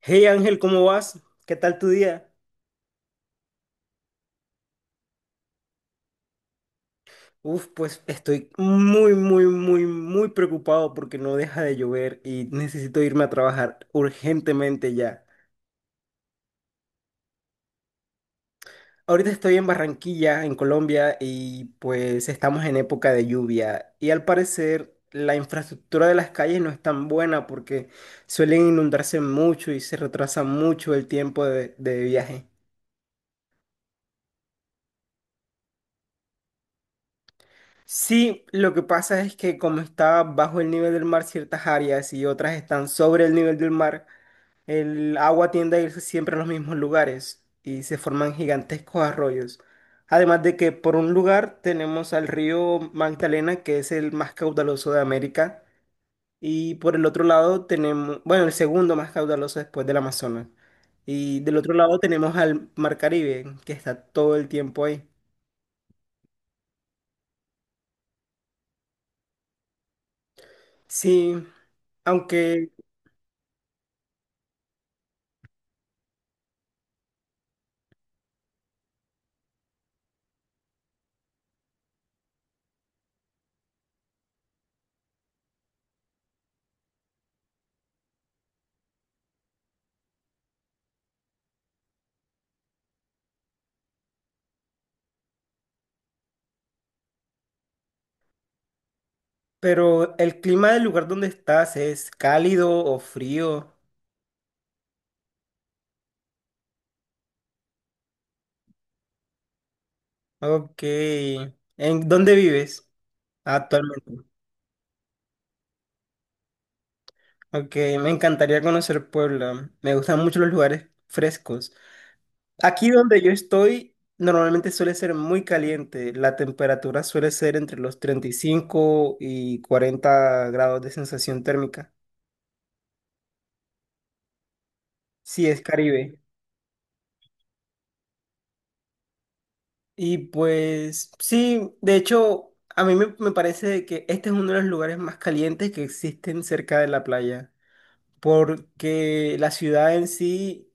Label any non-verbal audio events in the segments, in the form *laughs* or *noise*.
Hey Ángel, ¿cómo vas? ¿Qué tal tu día? Pues estoy muy preocupado porque no deja de llover y necesito irme a trabajar urgentemente ya. Ahorita estoy en Barranquilla, en Colombia, y pues estamos en época de lluvia y al parecer la infraestructura de las calles no es tan buena porque suelen inundarse mucho y se retrasa mucho el tiempo de viaje. Sí, lo que pasa es que como está bajo el nivel del mar ciertas áreas y otras están sobre el nivel del mar, el agua tiende a irse siempre a los mismos lugares y se forman gigantescos arroyos. Además de que por un lugar tenemos al río Magdalena, que es el más caudaloso de América, y por el otro lado tenemos, bueno, el segundo más caudaloso después del Amazonas. Y del otro lado tenemos al Mar Caribe, que está todo el tiempo ahí. Sí, aunque... Pero el clima del lugar donde estás, ¿es cálido o frío? Ok. ¿En dónde vives actualmente? Ok, me encantaría conocer Puebla. Me gustan mucho los lugares frescos. Aquí donde yo estoy, normalmente suele ser muy caliente. La temperatura suele ser entre los 35 y 40 grados de sensación térmica. Sí, es Caribe. Y pues sí, de hecho, a mí me parece que este es uno de los lugares más calientes que existen cerca de la playa, porque la ciudad en sí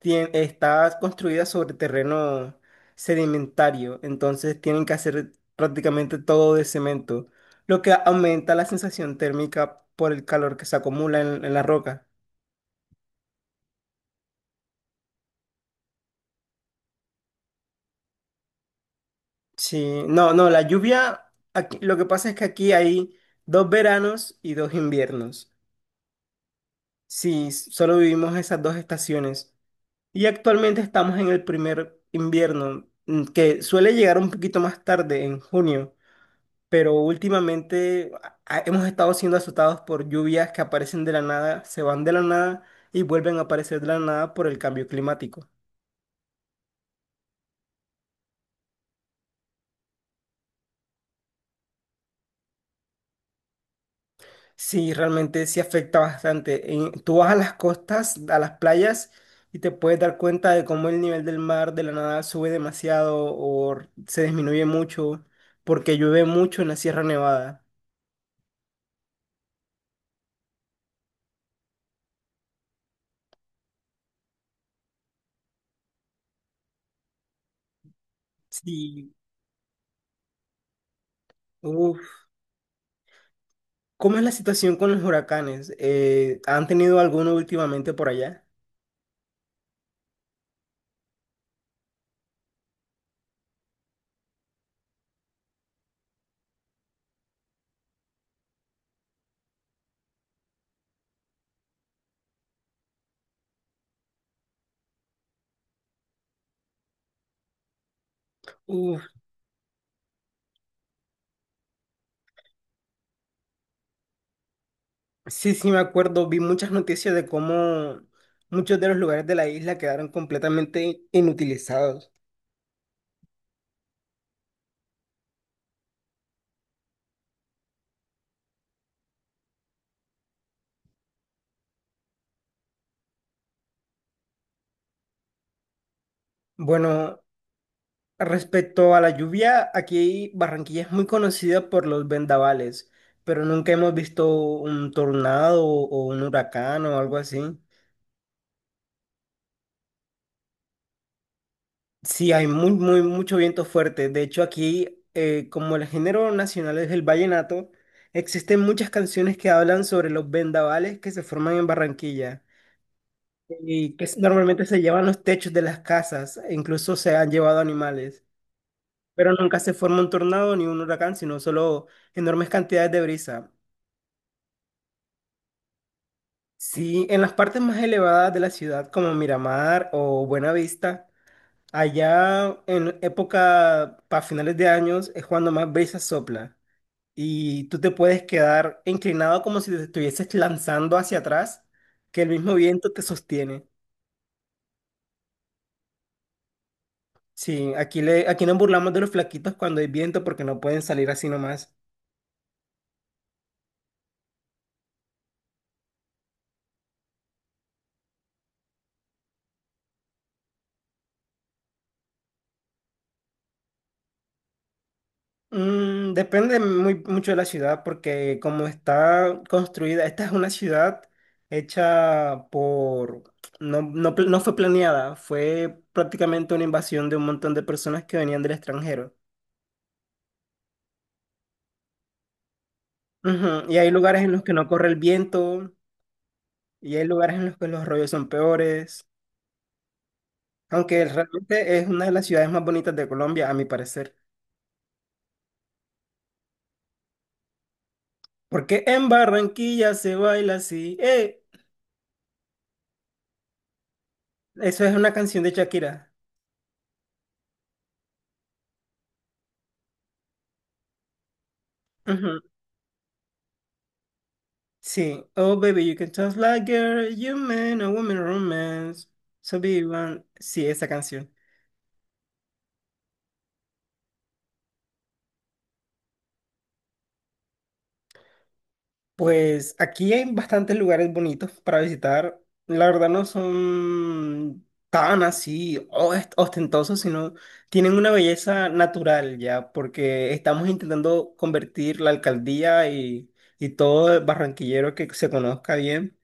está construida sobre terreno sedimentario, entonces tienen que hacer prácticamente todo de cemento, lo que aumenta la sensación térmica por el calor que se acumula en la roca. Sí, no, no, la lluvia, aquí, lo que pasa es que aquí hay dos veranos y dos inviernos. Sí, solo vivimos esas dos estaciones. Y actualmente estamos en el primer invierno, que suele llegar un poquito más tarde, en junio, pero últimamente hemos estado siendo azotados por lluvias que aparecen de la nada, se van de la nada y vuelven a aparecer de la nada por el cambio climático. Sí, realmente sí afecta bastante. Tú vas a las costas, a las playas, y te puedes dar cuenta de cómo el nivel del mar de la nada sube demasiado o se disminuye mucho porque llueve mucho en la Sierra Nevada. Sí. Uf. ¿Cómo es la situación con los huracanes? ¿Han tenido alguno últimamente por allá? Uf. Sí, sí, me acuerdo. Vi muchas noticias de cómo muchos de los lugares de la isla quedaron completamente inutilizados. Bueno, respecto a la lluvia, aquí Barranquilla es muy conocida por los vendavales, pero nunca hemos visto un tornado o un huracán o algo así. Sí, hay mucho viento fuerte. De hecho, aquí, como el género nacional es el vallenato, existen muchas canciones que hablan sobre los vendavales que se forman en Barranquilla y que normalmente se llevan los techos de las casas, e incluso se han llevado animales, pero nunca se forma un tornado ni un huracán, sino solo enormes cantidades de brisa. Sí, en las partes más elevadas de la ciudad, como Miramar o Buenavista, allá en época para finales de años es cuando más brisa sopla y tú te puedes quedar inclinado como si te estuvieses lanzando hacia atrás, que el mismo viento te sostiene. Sí, aquí nos burlamos de los flaquitos cuando hay viento porque no pueden salir así nomás. Depende mucho de la ciudad porque como está construida, esta es una ciudad hecha por... no fue planeada, fue prácticamente una invasión de un montón de personas que venían del extranjero. Ujú. Y hay lugares en los que no corre el viento y hay lugares en los que los rollos son peores, aunque realmente es una de las ciudades más bonitas de Colombia, a mi parecer. Porque en Barranquilla se baila así. ¡Eh! Eso es una canción de Shakira. Sí. Oh, baby, you can talk like girl, you man, a woman romance. So be one. Sí, esa canción. Pues aquí hay bastantes lugares bonitos para visitar. La verdad no son tan así ostentosos, sino tienen una belleza natural ya, porque estamos intentando convertir la alcaldía y todo el barranquillero que se conozca bien.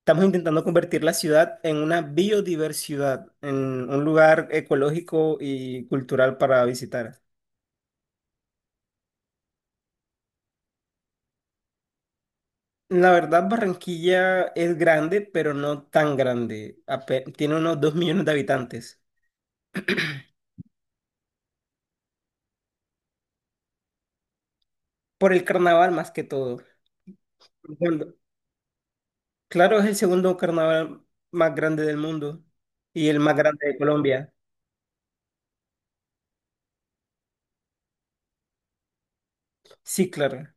Estamos intentando convertir la ciudad en una biodiversidad, en un lugar ecológico y cultural para visitar. La verdad, Barranquilla es grande, pero no tan grande. Tiene unos 2.000.000 de habitantes. Por el carnaval más que todo. Cuando- claro, es el segundo carnaval más grande del mundo y el más grande de Colombia. Sí, claro.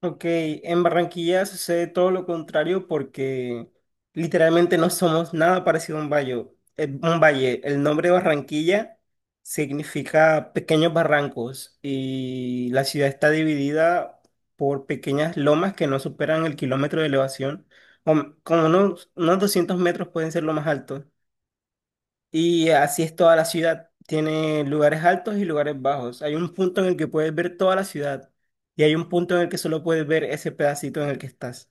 Ok, en Barranquilla sucede todo lo contrario porque literalmente no somos nada parecido a un valle. Un valle. El nombre Barranquilla significa pequeños barrancos y la ciudad está dividida por pequeñas lomas que no superan el kilómetro de elevación. Como unos 200 metros pueden ser lo más alto. Y así es toda la ciudad. Tiene lugares altos y lugares bajos. Hay un punto en el que puedes ver toda la ciudad y hay un punto en el que solo puedes ver ese pedacito en el que estás.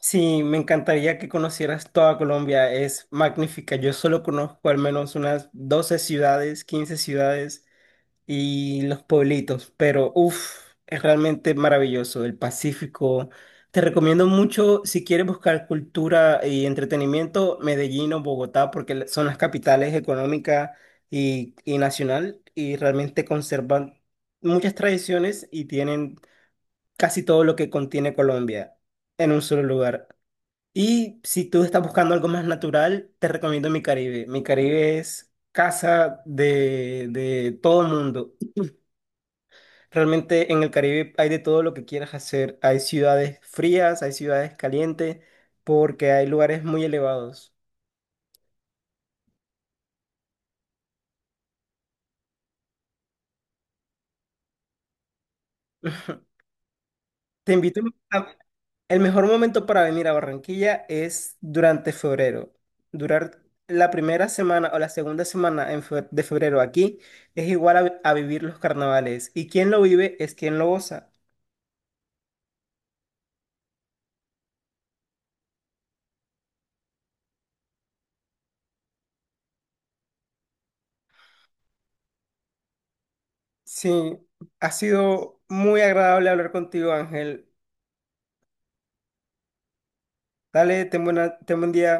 Sí, me encantaría que conocieras toda Colombia. Es magnífica. Yo solo conozco al menos unas 12 ciudades, 15 ciudades. Y los pueblitos, pero uff, es realmente maravilloso el Pacífico. Te recomiendo mucho si quieres buscar cultura y entretenimiento, Medellín o Bogotá, porque son las capitales económica y nacional y realmente conservan muchas tradiciones y tienen casi todo lo que contiene Colombia en un solo lugar. Y si tú estás buscando algo más natural, te recomiendo Mi Caribe. Mi Caribe es casa de todo el mundo. Realmente en el Caribe hay de todo lo que quieras hacer. Hay ciudades frías, hay ciudades calientes, porque hay lugares muy elevados. *laughs* Te invito a... El mejor momento para venir a Barranquilla es durante febrero. Durar la primera semana o la segunda semana en de febrero aquí es igual a, a vivir los carnavales. Y quien lo vive es quien lo goza. Sí, ha sido muy agradable hablar contigo, Ángel. Dale, ten buen día.